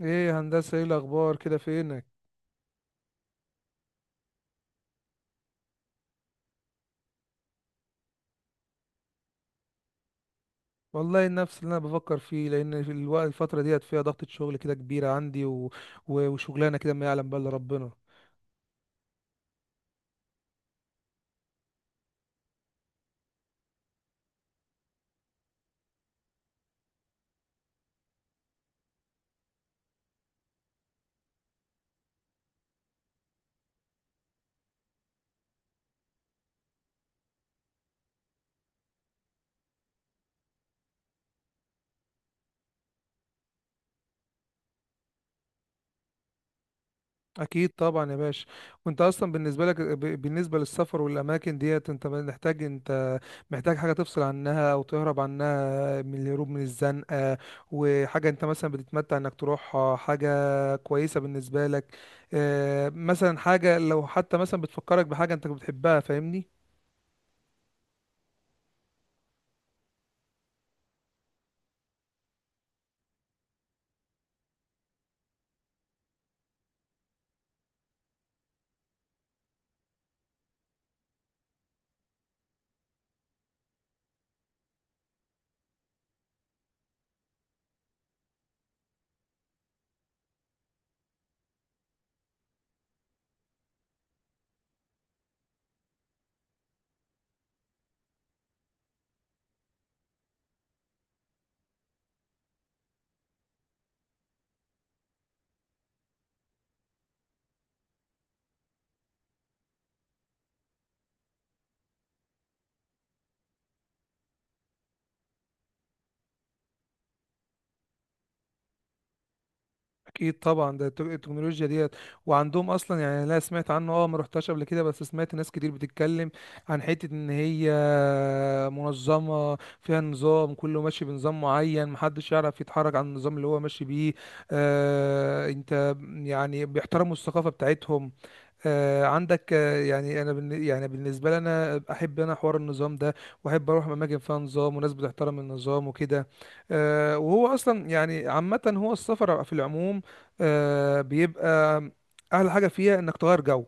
ايه يا هندسة، ايه الاخبار كده؟ فينك؟ والله نفس اللي انا بفكر فيه، لان في الوقت الفترة ديت فيها ضغطة شغل كده كبيرة عندي و... و... وشغلانة كده ما يعلم بها الا ربنا. اكيد طبعا يا باشا. وانت اصلا بالنسبة لك، بالنسبة للسفر والاماكن ديت، انت محتاج، انت محتاج حاجة تفصل عنها او تهرب عنها، من الهروب من الزنقة، وحاجة انت مثلا بتتمتع انك تروحها، حاجة كويسة بالنسبة لك؟ مثلا حاجة لو حتى مثلا بتفكرك بحاجة انت بتحبها، فاهمني؟ اكيد طبعا. ده التكنولوجيا ديت وعندهم اصلا. يعني لا، سمعت عنه، اه، ما رحتش قبل كده، بس سمعت ناس كتير بتتكلم عن حته ان هي منظمه، فيها نظام كله ماشي بنظام معين، محدش يعرف يتحرك عن النظام اللي هو ماشي بيه. آه، انت يعني بيحترموا الثقافه بتاعتهم. عندك، يعني انا يعني بالنسبه لي انا احب انا حوار النظام ده، واحب اروح اماكن فيها نظام وناس بتحترم النظام وكده. وهو اصلا يعني عامه هو السفر في العموم بيبقى احلى حاجه فيها انك تغير جو.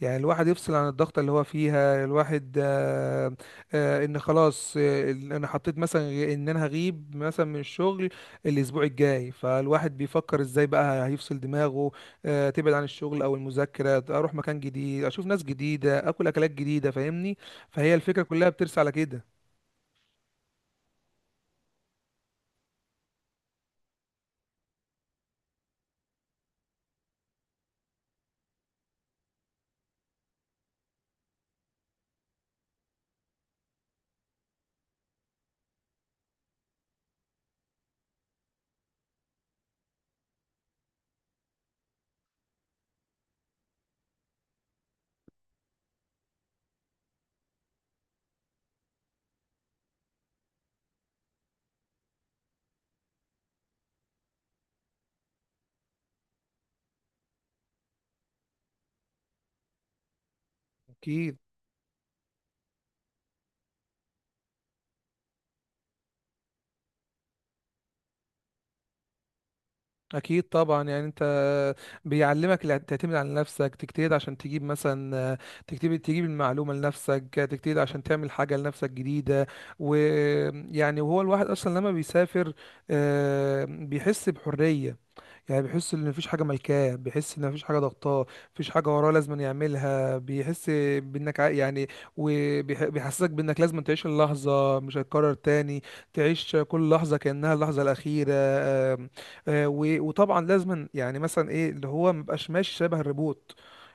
يعني الواحد يفصل عن الضغط اللي هو فيها الواحد. ان خلاص، انا حطيت مثلا ان انا هغيب مثلا من الشغل الاسبوع الجاي، فالواحد بيفكر ازاي بقى هيفصل دماغه، تبعد عن الشغل او المذاكره، اروح مكان جديد، اشوف ناس جديده، اكل اكلات جديده، فاهمني؟ فهي الفكره كلها بترسى على كده. اكيد. اكيد طبعا. يعني انت بيعلمك تعتمد على نفسك، تجتهد عشان تجيب مثلا، تجتهد تجيب المعلومه لنفسك، تجتهد عشان تعمل حاجه لنفسك جديده. ويعني وهو الواحد اصلا لما بيسافر بيحس بحريه. يعني بيحس ان مفيش حاجه ملكاه، بيحس ان مفيش حاجه ضغطاه، مفيش حاجه وراه لازم يعملها، بيحس بانك يعني، وبيحسسك بانك لازم تعيش اللحظه، مش هتكرر تاني، تعيش كل لحظه كانها اللحظه الاخيره. آم، آه، و- وطبعا لازم، يعني مثلا ايه، اللي هو مبقاش ماشي شبه الروبوت.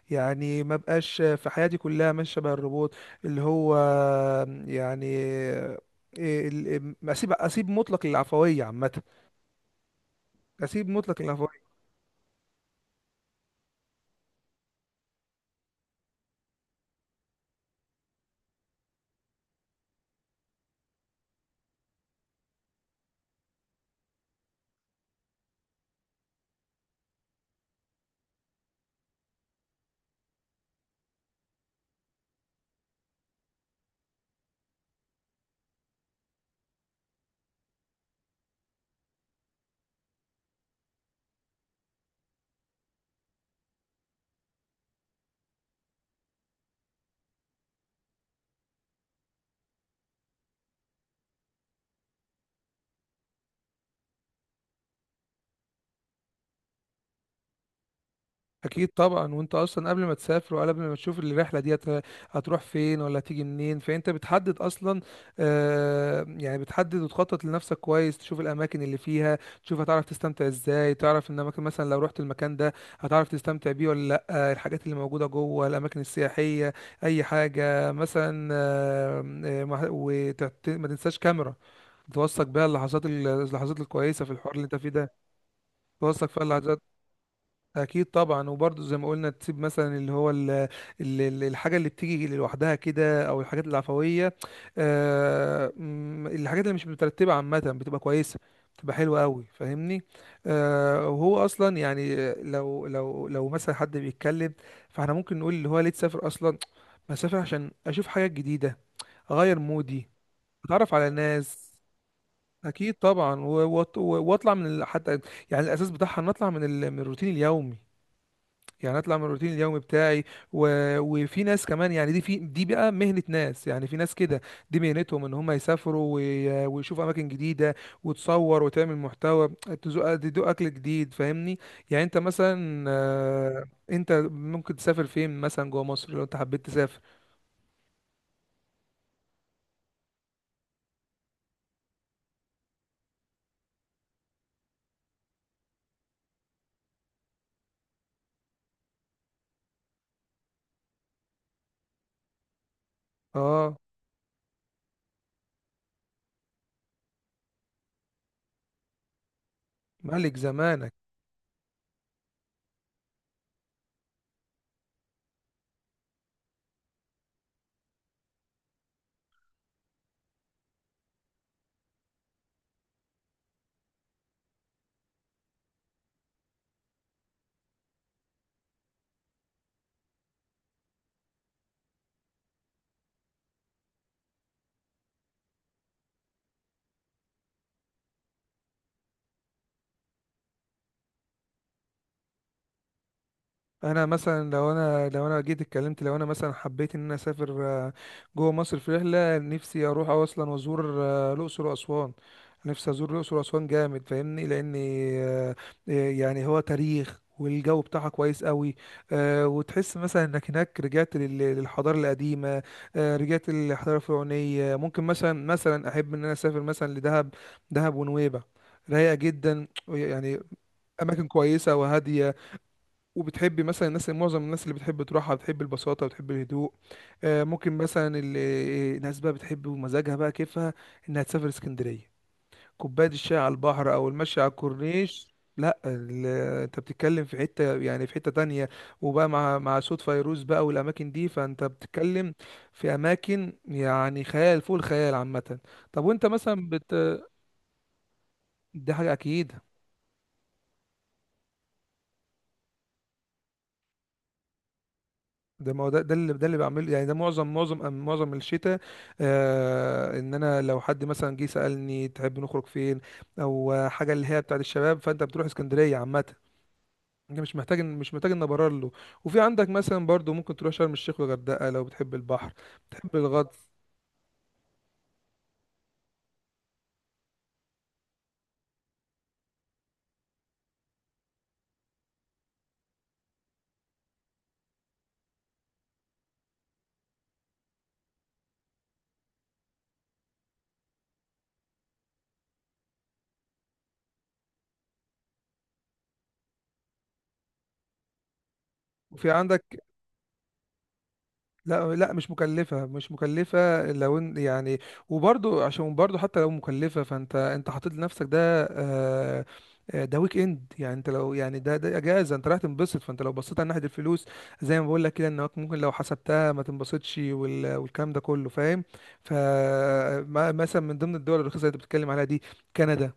يعني ما بقاش في حياتي كلها ماشي شبه الروبوت، اللي هو يعني، اسيب مطلق للعفويه عامه، اسيب مطلق العفويه. اكيد طبعا. وانت اصلا قبل ما تسافر وقبل ما تشوف الرحله دي، هتروح فين ولا هتيجي منين، فانت بتحدد اصلا؟ آه، يعني بتحدد وتخطط لنفسك كويس، تشوف الاماكن اللي فيها، تشوف هتعرف تستمتع ازاي، تعرف ان اماكن مثلا لو رحت المكان ده هتعرف تستمتع بيه ولا لا، الحاجات اللي موجوده جوه الاماكن السياحيه، اي حاجه مثلا. ما تنساش كاميرا توثق بيها اللحظات، اللحظات الكويسه في الحوار اللي انت فيه ده، توثق فيها اللحظات. اكيد طبعا. وبرضه زي ما قلنا تسيب مثلا اللي هو الحاجه اللي بتيجي لوحدها كده، او الحاجات العفويه. آه، م، الحاجات اللي مش مترتبه عامه بتبقى كويسه، بتبقى حلوه قوي، فاهمني؟ وهو اصلا يعني لو مثلا حد بيتكلم، فاحنا ممكن نقول اللي هو ليه تسافر اصلا؟ بسافر عشان اشوف حاجات جديده، اغير مودي، اتعرف على ناس. اكيد طبعا. و- وأط- واطلع حتى يعني الاساس بتاعها ان اطلع من الروتين اليومي. يعني اطلع من الروتين اليومي بتاعي. و... وفي ناس كمان، يعني دي، في دي بقى مهنة ناس، يعني في ناس كده دي مهنتهم ان هم يسافروا وي... ويشوفوا اماكن جديدة، وتصور وتعمل محتوى، تدوق اكل جديد، فاهمني؟ يعني انت مثلا انت ممكن تسافر فين مثلا جوه مصر لو انت حبيت تسافر؟ اه. ملك زمان. انا مثلا لو انا جيت اتكلمت، لو انا مثلا حبيت ان انا اسافر جوه مصر في رحله، نفسي اروح اصلا وازور الاقصر واسوان. نفسي ازور الاقصر واسوان جامد، فاهمني؟ لاني آه، يعني هو تاريخ والجو بتاعها كويس قوي. أه، وتحس مثلا انك هناك رجعت للحضاره القديمه، أه، رجعت للحضاره الفرعونيه. ممكن مثلا، مثلا احب ان انا اسافر مثلا لدهب. دهب ونويبع رايقه جدا يعني، اماكن كويسه وهاديه، وبتحبي مثلا الناس، معظم الناس اللي بتحب تروحها بتحب البساطة، بتحب الهدوء. ممكن مثلا الناس بقى بتحب ومزاجها بقى كيفها انها تسافر اسكندرية، كوباية الشاي على البحر او المشي على الكورنيش. لا، انت بتتكلم في حتة، يعني في حتة تانية، وبقى مع صوت فيروز بقى والاماكن دي. فانت بتتكلم في اماكن يعني خيال فوق الخيال عامة. طب وانت مثلا دي حاجة اكيد. ده ما هو ده، ده اللي، ده اللي بعمله، يعني ده معظم معظم الشتاء. آه، ان انا لو حد مثلا جه سألني تحب نخرج فين، او حاجه اللي هي بتاعت الشباب، فانت بتروح اسكندريه عامه. انت مش محتاج ان ابرر له. وفي عندك مثلا برضو ممكن تروح شرم الشيخ والغردقه لو بتحب البحر، بتحب الغطس. وفي عندك، لا لا، مش مكلفة، لو يعني. وبرضو عشان برضو حتى لو مكلفة، فانت انت حاطط لنفسك ده، آه، ده ويك اند. يعني انت لو، يعني ده، ده اجازة، انت رايح تنبسط، فانت لو بصيت على ناحية الفلوس زي ما بقول لك كده، انك ممكن لو حسبتها ما تنبسطش، وال- والكلام ده كله، فاهم؟ فمثلا من ضمن الدول الرخيصة اللي انت بتتكلم عليها دي كندا.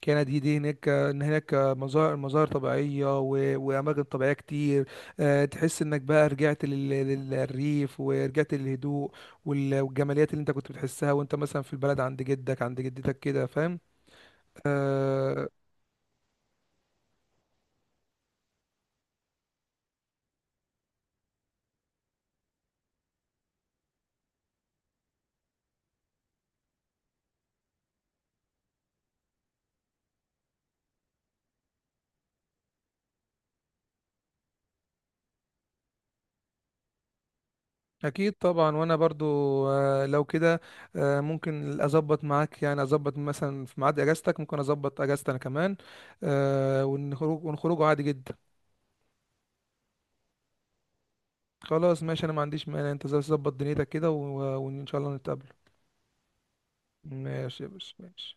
كانت دي هناك ان هناك مظاهر، طبيعيه و... واماكن طبيعيه كتير. تحس انك بقى رجعت للريف، ورجعت للهدوء، وال... والجماليات اللي انت كنت بتحسها وانت مثلا في البلد عند جدك عند جدتك كده، فاهم؟ آه، اكيد طبعا. وانا برضو لو كده ممكن اظبط معاك، يعني اظبط مثلا في ميعاد اجازتك، ممكن اظبط اجازتي انا كمان ونخرج، عادي جدا. خلاص ماشي، انا ما عنديش مانع، انت ظبط دنيتك كده و... وان شاء الله نتقابل. ماشي يا باشا، ماشي.